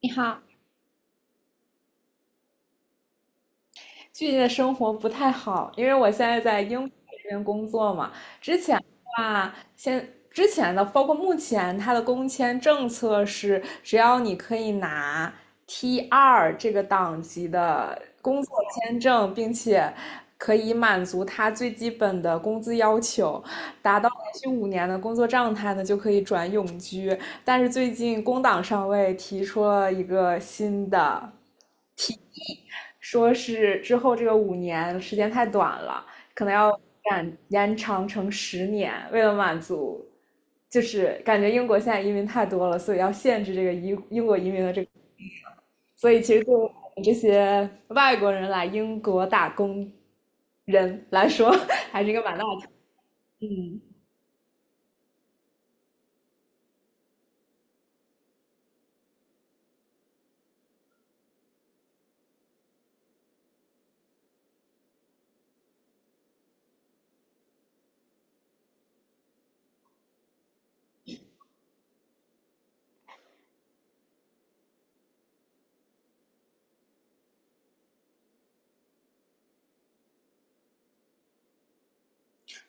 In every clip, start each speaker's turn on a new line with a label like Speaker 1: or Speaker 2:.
Speaker 1: 你好，最近的生活不太好，因为我现在在英国这边工作嘛。哇，之前的，包括目前，它的工签政策是，只要你可以拿 T 二这个档级的工作签证，并且可以满足它最基本的工资要求，达到连续五年的工作状态呢，就可以转永居。但是最近工党上位提出了一个新的。说是之后这个五年时间太短了，可能要延长成10年，为了满足，就是感觉英国现在移民太多了，所以要限制这个英国移民的这个，所以其实对我们这些外国人来英国打工人来说，还是一个蛮大的。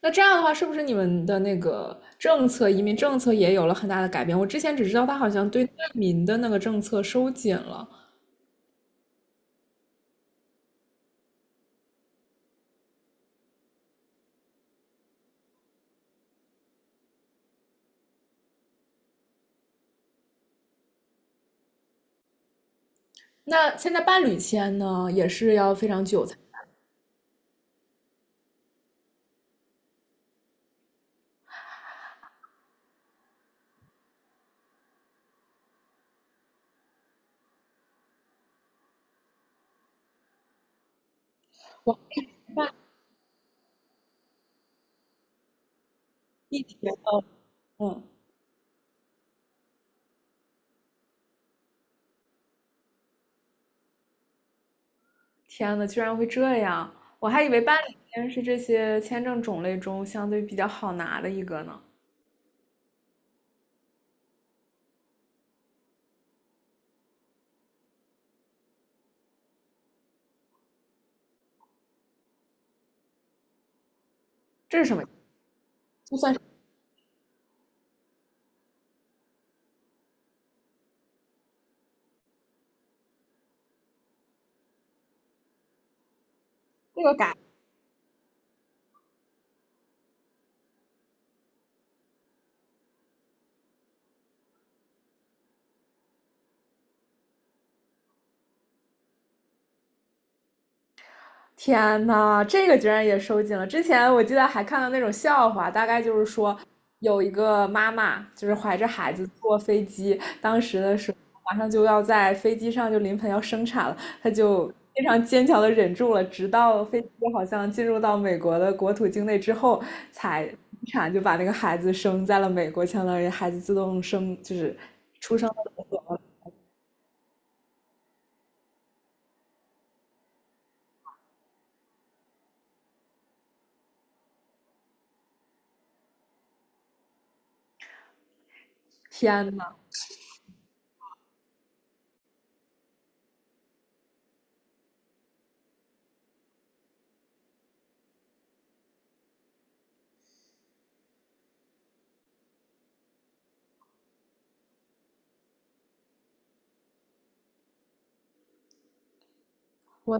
Speaker 1: 那这样的话，是不是你们的那个政策，移民政策也有了很大的改变？我之前只知道他好像对难民的那个政策收紧了，那现在伴侣签呢，也是要非常久才一天。哦。嗯，天呐，居然会这样！我还以为伴侣签是这些签证种类中相对比较好拿的一个呢。这是什么？就算是这个改。天呐，这个居然也收紧了！之前我记得还看到那种笑话，大概就是说有一个妈妈就是怀着孩子坐飞机，当时的时候马上就要在飞机上就临盆要生产了，她就非常坚强的忍住了，直到飞机好像进入到美国的国土境内之后才生产，就把那个孩子生在了美国，相当于孩子自动生，就是。天呐，我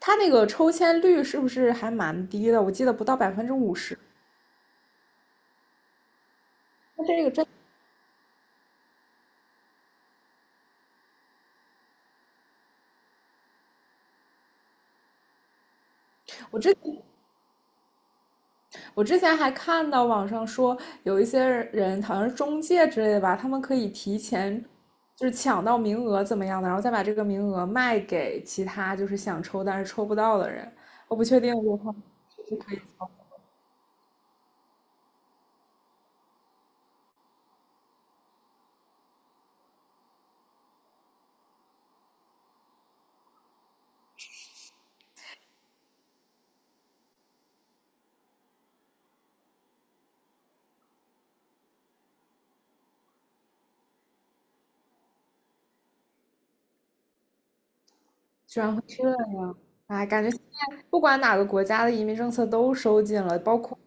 Speaker 1: 他那个抽签率是不是还蛮低的？我记得不到50%。我之前还看到网上说，有一些人好像是中介之类的吧，他们可以提前就是抢到名额怎么样的，然后再把这个名额卖给其他就是想抽但是抽不到的人。我不确定我块就可以。居然会这样，哎，感觉现在不管哪个国家的移民政策都收紧了，包括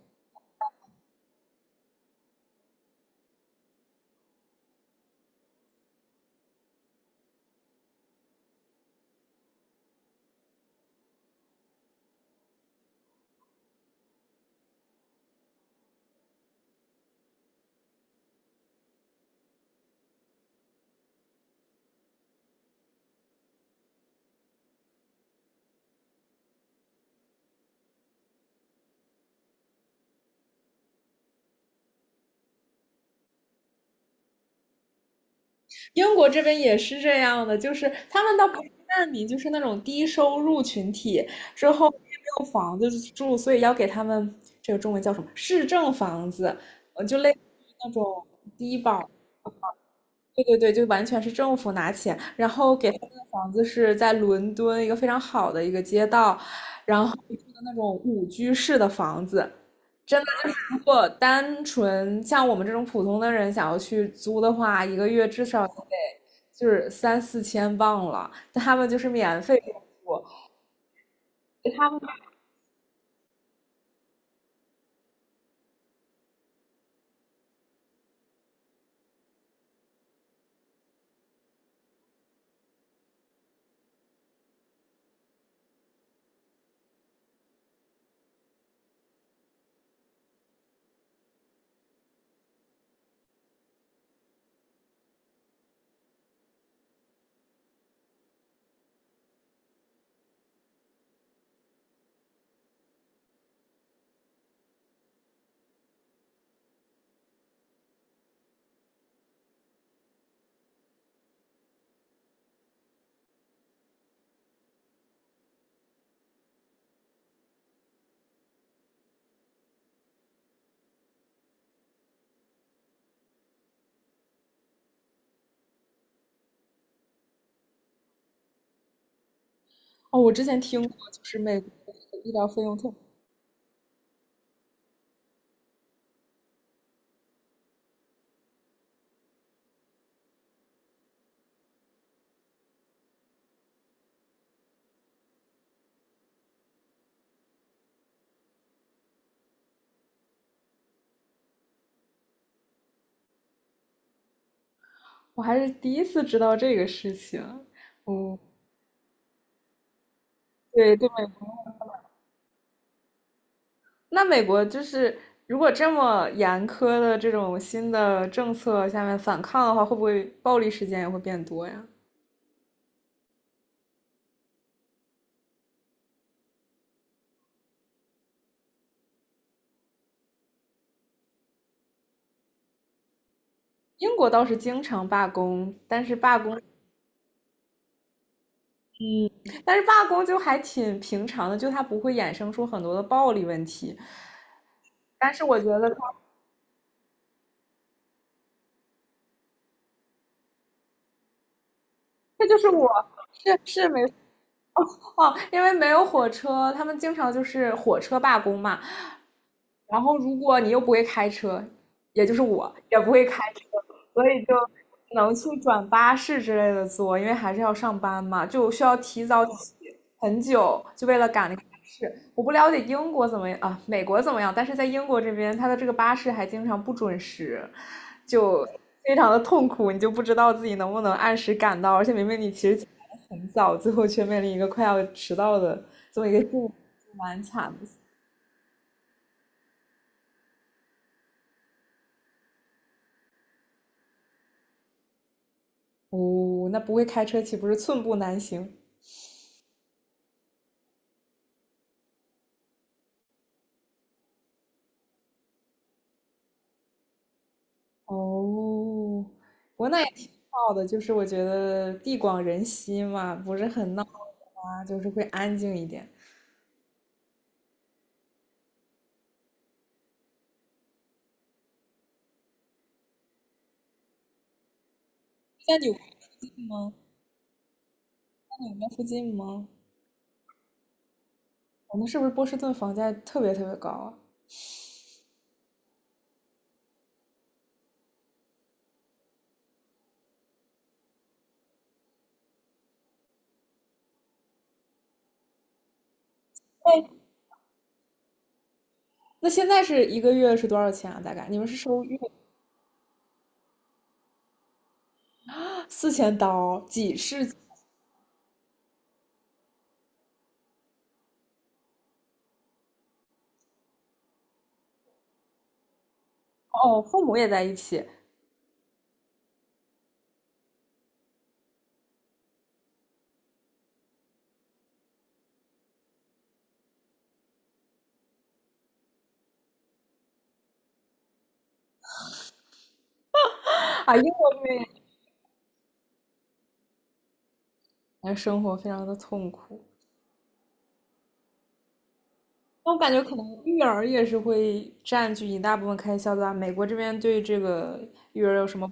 Speaker 1: 英国这边也是这样的，就是他们倒不是难民，就是那种低收入群体，之后也没有房子住，所以要给他们这个中文叫什么市政房子，就类似于那种低保。对对对，就完全是政府拿钱，然后给他们的房子是在伦敦一个非常好的一个街道，然后住的那种5居室的房子，真的就是如果单纯像我们这种普通的人想要去租的话，一个月至少得就是3,4千镑了，但他们就是免费给我住，他们。哦，我之前听过，就是美国的医疗费用特。我还是第一次知道这个事情，嗯，对对，那美国就是如果这么严苛的这种新的政策下面反抗的话，会不会暴力事件也会变多呀？英国倒是经常罢工，但是罢工，嗯，但是罢工就还挺平常的，就它不会衍生出很多的暴力问题。但是我觉得它，这就是我是是美 哦，因为没有火车，他们经常就是火车罢工嘛。然后如果你又不会开车，也就是我也不会开车，所以就只能去转巴士之类的坐，因为还是要上班嘛，就需要提早起很久，就为了赶那个巴士。我不了解英国怎么样啊，美国怎么样，但是在英国这边，它的这个巴士还经常不准时，就非常的痛苦，你就不知道自己能不能按时赶到，而且明明你其实很早，最后却面临一个快要迟到的这么一个境地，蛮惨的。哦，那不会开车岂不是寸步难行？哦，不过那也挺好的，就是我觉得地广人稀嘛，不是很闹啊，就是会安静一点。在纽约吗？在纽约附近吗？我们是不是波士顿房价特别特别高啊？哎，那现在是一个月是多少钱啊？大概你们是收月。4千刀，几是？哦，父母也在一起啊，英国妹那生活非常的痛苦。那我感觉可能育儿也是会占据一大部分开销的吧，美国这边对这个育儿有什么？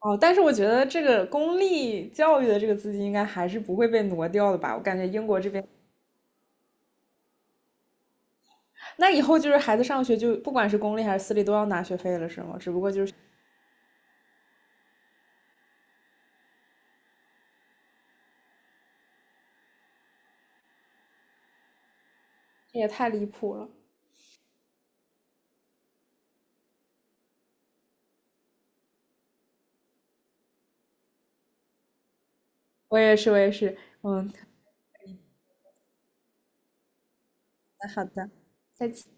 Speaker 1: 哦，但是我觉得这个公立教育的这个资金应该还是不会被挪掉的吧？我感觉英国这边，那以后就是孩子上学就不管是公立还是私立都要拿学费了，是吗？只不过就是这也太离谱了。我也是，我也是，嗯，好的，再见。